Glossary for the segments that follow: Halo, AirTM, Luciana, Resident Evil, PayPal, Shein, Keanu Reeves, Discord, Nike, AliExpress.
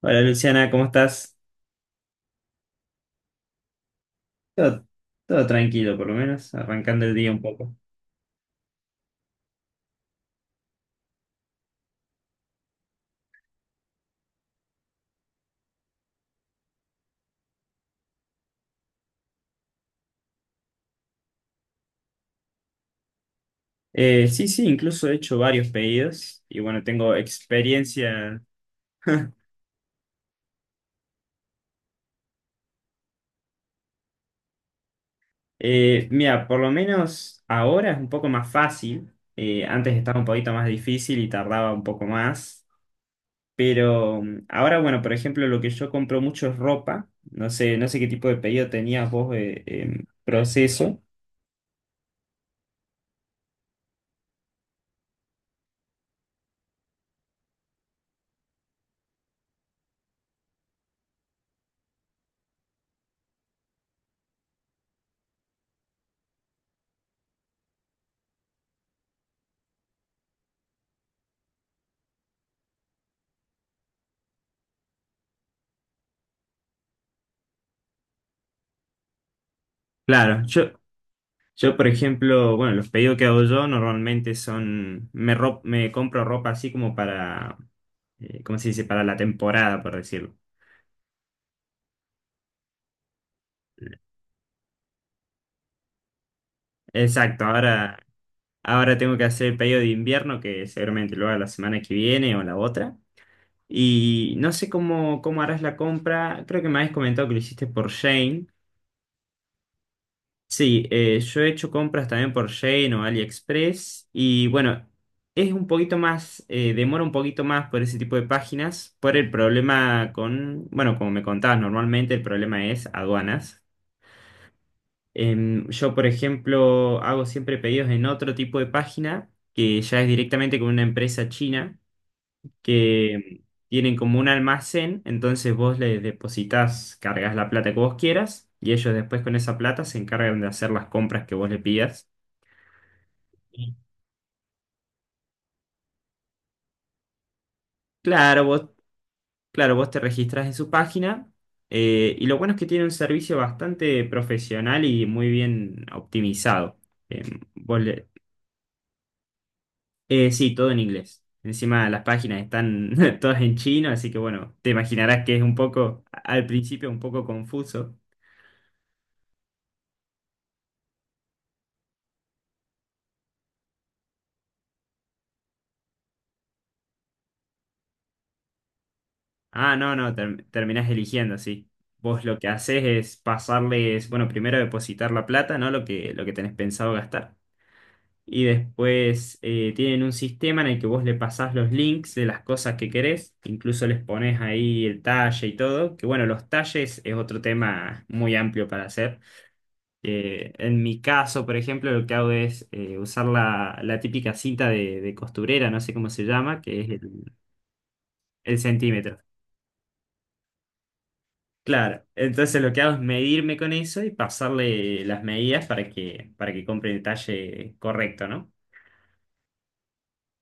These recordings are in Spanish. Hola Luciana, ¿cómo estás? Todo, todo tranquilo, por lo menos, arrancando el día un poco. Sí, sí, incluso he hecho varios pedidos y bueno, tengo experiencia. Mira, por lo menos ahora es un poco más fácil. Antes estaba un poquito más difícil y tardaba un poco más. Pero ahora, bueno, por ejemplo, lo que yo compro mucho es ropa. No sé, no sé qué tipo de pedido tenías vos en proceso. Claro, yo, Yo, por ejemplo, bueno, los pedidos que hago yo normalmente son, me, me compro ropa así como para, ¿cómo se dice? Para la temporada, por decirlo. Exacto, ahora, Ahora tengo que hacer el pedido de invierno, que seguramente lo haga la semana que viene o la otra. Y no sé cómo, cómo harás la compra, creo que me habías comentado que lo hiciste por Shane. Sí, yo he hecho compras también por Shein o AliExpress y bueno, es un poquito más, demora un poquito más por ese tipo de páginas, por el problema con, bueno, como me contabas, normalmente el problema es aduanas. Yo, por ejemplo, hago siempre pedidos en otro tipo de página que ya es directamente con una empresa china que tienen como un almacén, entonces vos les depositas, cargas la plata que vos quieras y ellos después con esa plata se encargan de hacer las compras que vos le pidas. Claro, vos, claro, vos te registras en su página y lo bueno es que tiene un servicio bastante profesional y muy bien optimizado. Eh, vos le- sí, todo en inglés. Encima las páginas están todas en chino, así que bueno, te imaginarás que es un poco, al principio un poco confuso. Ah, no, no, terminás eligiendo, sí. Vos lo que haces es pasarles, bueno, primero depositar la plata, ¿no? Lo que tenés pensado gastar. Y después tienen un sistema en el que vos le pasás los links de las cosas que querés, incluso les pones ahí el talle y todo, que bueno, los talles es otro tema muy amplio para hacer. En mi caso, por ejemplo, lo que hago es usar la, la típica cinta de costurera, no sé cómo se llama, que es el centímetro. Claro, entonces lo que hago es medirme con eso y pasarle las medidas para que compre el talle correcto, ¿no?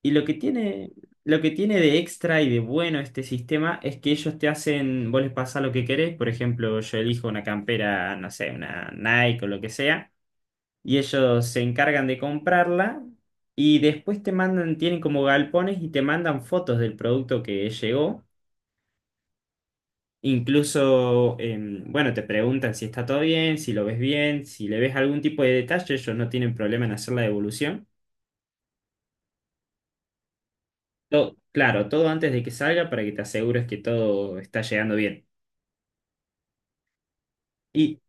Y lo que tiene, lo que tiene de extra y de bueno este sistema es que ellos te hacen, vos les pasás lo que querés, por ejemplo, yo elijo una campera, no sé, una Nike o lo que sea, y ellos se encargan de comprarla y después te mandan, tienen como galpones y te mandan fotos del producto que llegó. Incluso, bueno, te preguntan si está todo bien, si lo ves bien, si le ves algún tipo de detalle, ellos no tienen problema en hacer la devolución. Claro, todo antes de que salga para que te asegures que todo está llegando bien. Y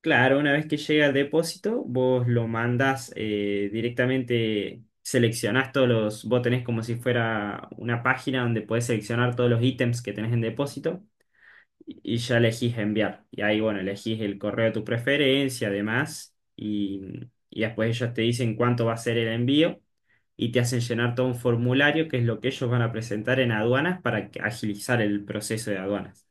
claro, una vez que llega al depósito, vos lo mandás directamente, seleccionás todos los, vos tenés como si fuera una página donde podés seleccionar todos los ítems que tenés en depósito y ya elegís enviar. Y ahí, bueno, elegís el correo de tu preferencia, además, y después ellos te dicen cuánto va a ser el envío y te hacen llenar todo un formulario que es lo que ellos van a presentar en aduanas para que- agilizar el proceso de aduanas.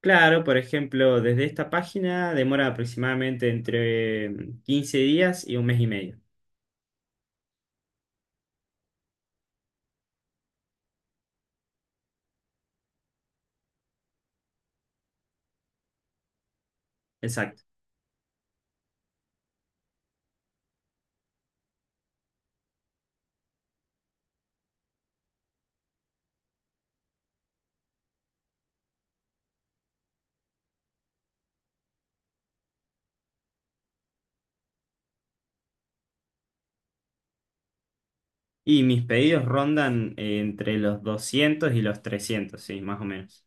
Claro, por ejemplo, desde esta página demora aproximadamente entre 15 días y un mes y medio. Exacto. Y mis pedidos rondan entre los 200 y los 300 sí, más o menos.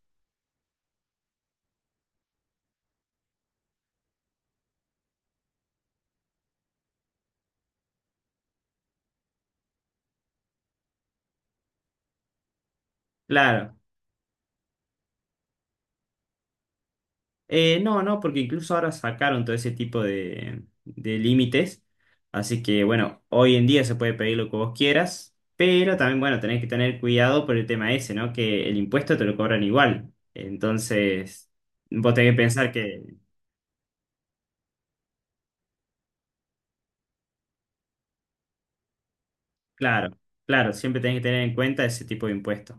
Claro. No, no, porque incluso ahora sacaron todo ese tipo de límites. Así que bueno, hoy en día se puede pedir lo que vos quieras, pero también bueno, tenés que tener cuidado por el tema ese, ¿no? Que el impuesto te lo cobran igual. Entonces, vos tenés que pensar que, claro, claro, siempre tenés que tener en cuenta ese tipo de impuestos.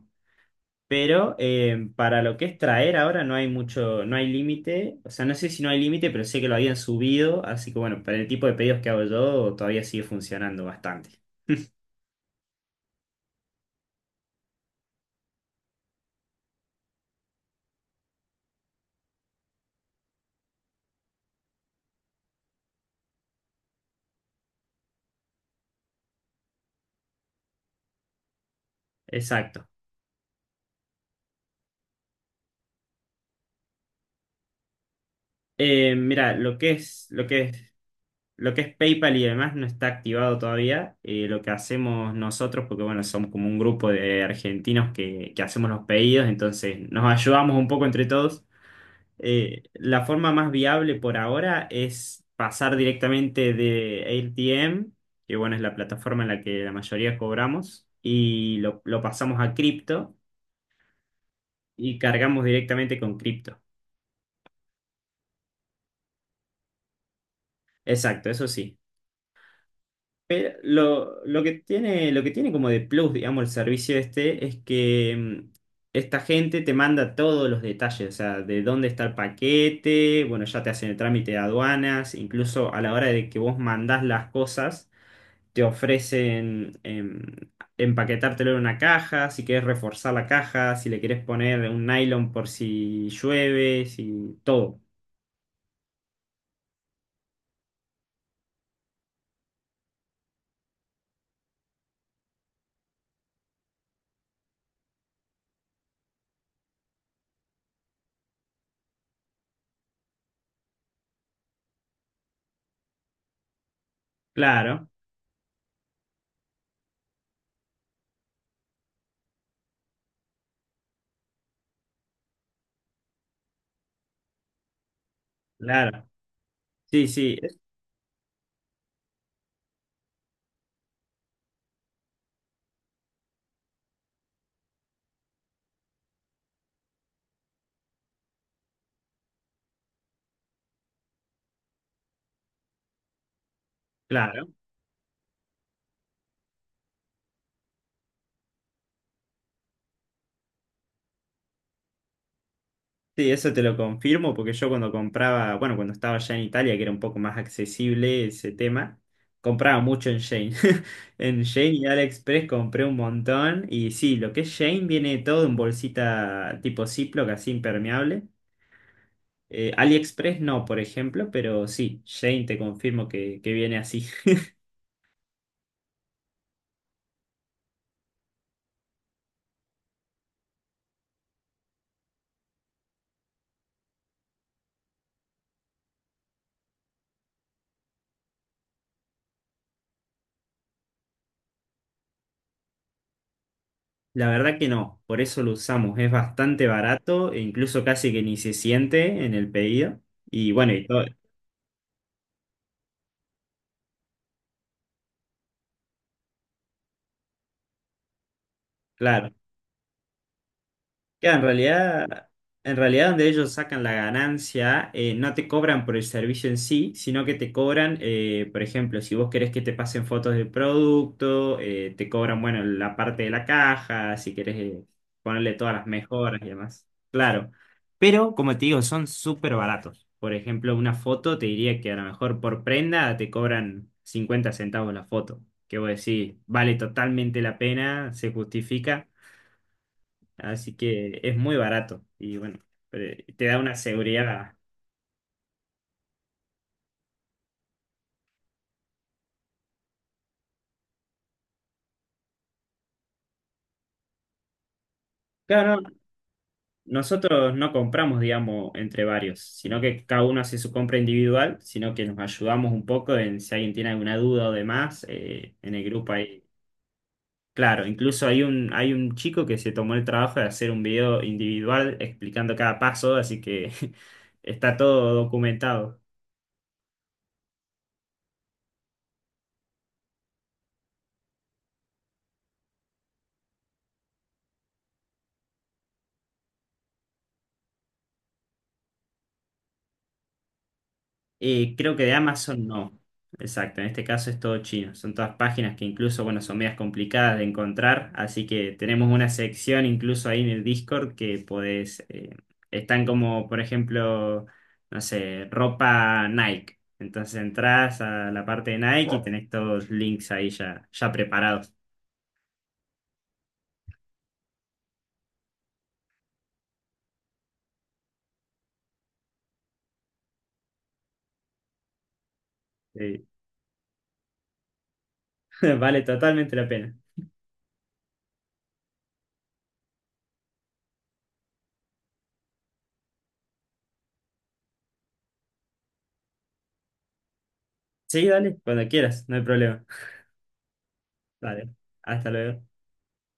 Pero para lo que es traer ahora no hay mucho, no hay límite. O sea, no sé si no hay límite, pero sé que lo habían subido. Así que bueno, para el tipo de pedidos que hago yo todavía sigue funcionando bastante. Exacto. Mira, lo que es PayPal y demás no está activado todavía. Lo que hacemos nosotros, porque bueno, somos como un grupo de argentinos que hacemos los pedidos, entonces nos ayudamos un poco entre todos. La forma más viable por ahora es pasar directamente de AirTM, que bueno, es la plataforma en la que la mayoría cobramos, y lo pasamos a cripto y cargamos directamente con cripto. Exacto, eso sí. Pero lo que tiene como de plus, digamos, el servicio este es que esta gente te manda todos los detalles, o sea, de dónde está el paquete, bueno, ya te hacen el trámite de aduanas, incluso a la hora de que vos mandás las cosas, te ofrecen empaquetártelo en una caja, si querés reforzar la caja, si le querés poner un nylon por si llueve, si todo. Claro, claro. Sí, sí, es- claro. Sí, eso te lo confirmo porque yo cuando compraba, bueno, cuando estaba ya en Italia, que era un poco más accesible ese tema, compraba mucho en Shane. En Shane y AliExpress compré un montón y sí, lo que es Shein viene todo en bolsita tipo Ziploc, así impermeable. AliExpress no, por ejemplo, pero sí, Shane te confirmo que viene así. La verdad que no, por eso lo usamos, es bastante barato e incluso casi que ni se siente en el pedido. Y bueno, y todo, claro. Claro, en realidad, en realidad donde ellos sacan la ganancia, no te cobran por el servicio en sí, sino que te cobran, por ejemplo, si vos querés que te pasen fotos del producto, te cobran, bueno, la parte de la caja, si querés, ponerle todas las mejoras y demás. Claro. Pero, como te digo, son súper baratos. Por ejemplo, una foto te diría que a lo mejor por prenda te cobran 50 centavos la foto. Que vos decís, vale totalmente la pena, se justifica. Así que es muy barato y bueno, te da una seguridad. Claro, no, nosotros no compramos, digamos, entre varios, sino que cada uno hace su compra individual, sino que nos ayudamos un poco en si alguien tiene alguna duda o demás, en el grupo hay. Claro, incluso hay un chico que se tomó el trabajo de hacer un video individual explicando cada paso, así que está todo documentado. Creo que de Amazon no. Exacto, en este caso es todo chino. Son todas páginas que incluso, bueno, son medias complicadas de encontrar, así que tenemos una sección incluso ahí en el Discord que podés, están como, por ejemplo, no sé, ropa Nike. Entonces entras a la parte de Nike y wow, tenés todos los links ahí ya, ya preparados. Sí. Vale totalmente la pena. Sí, dale, cuando quieras, no hay problema. Vale, hasta luego.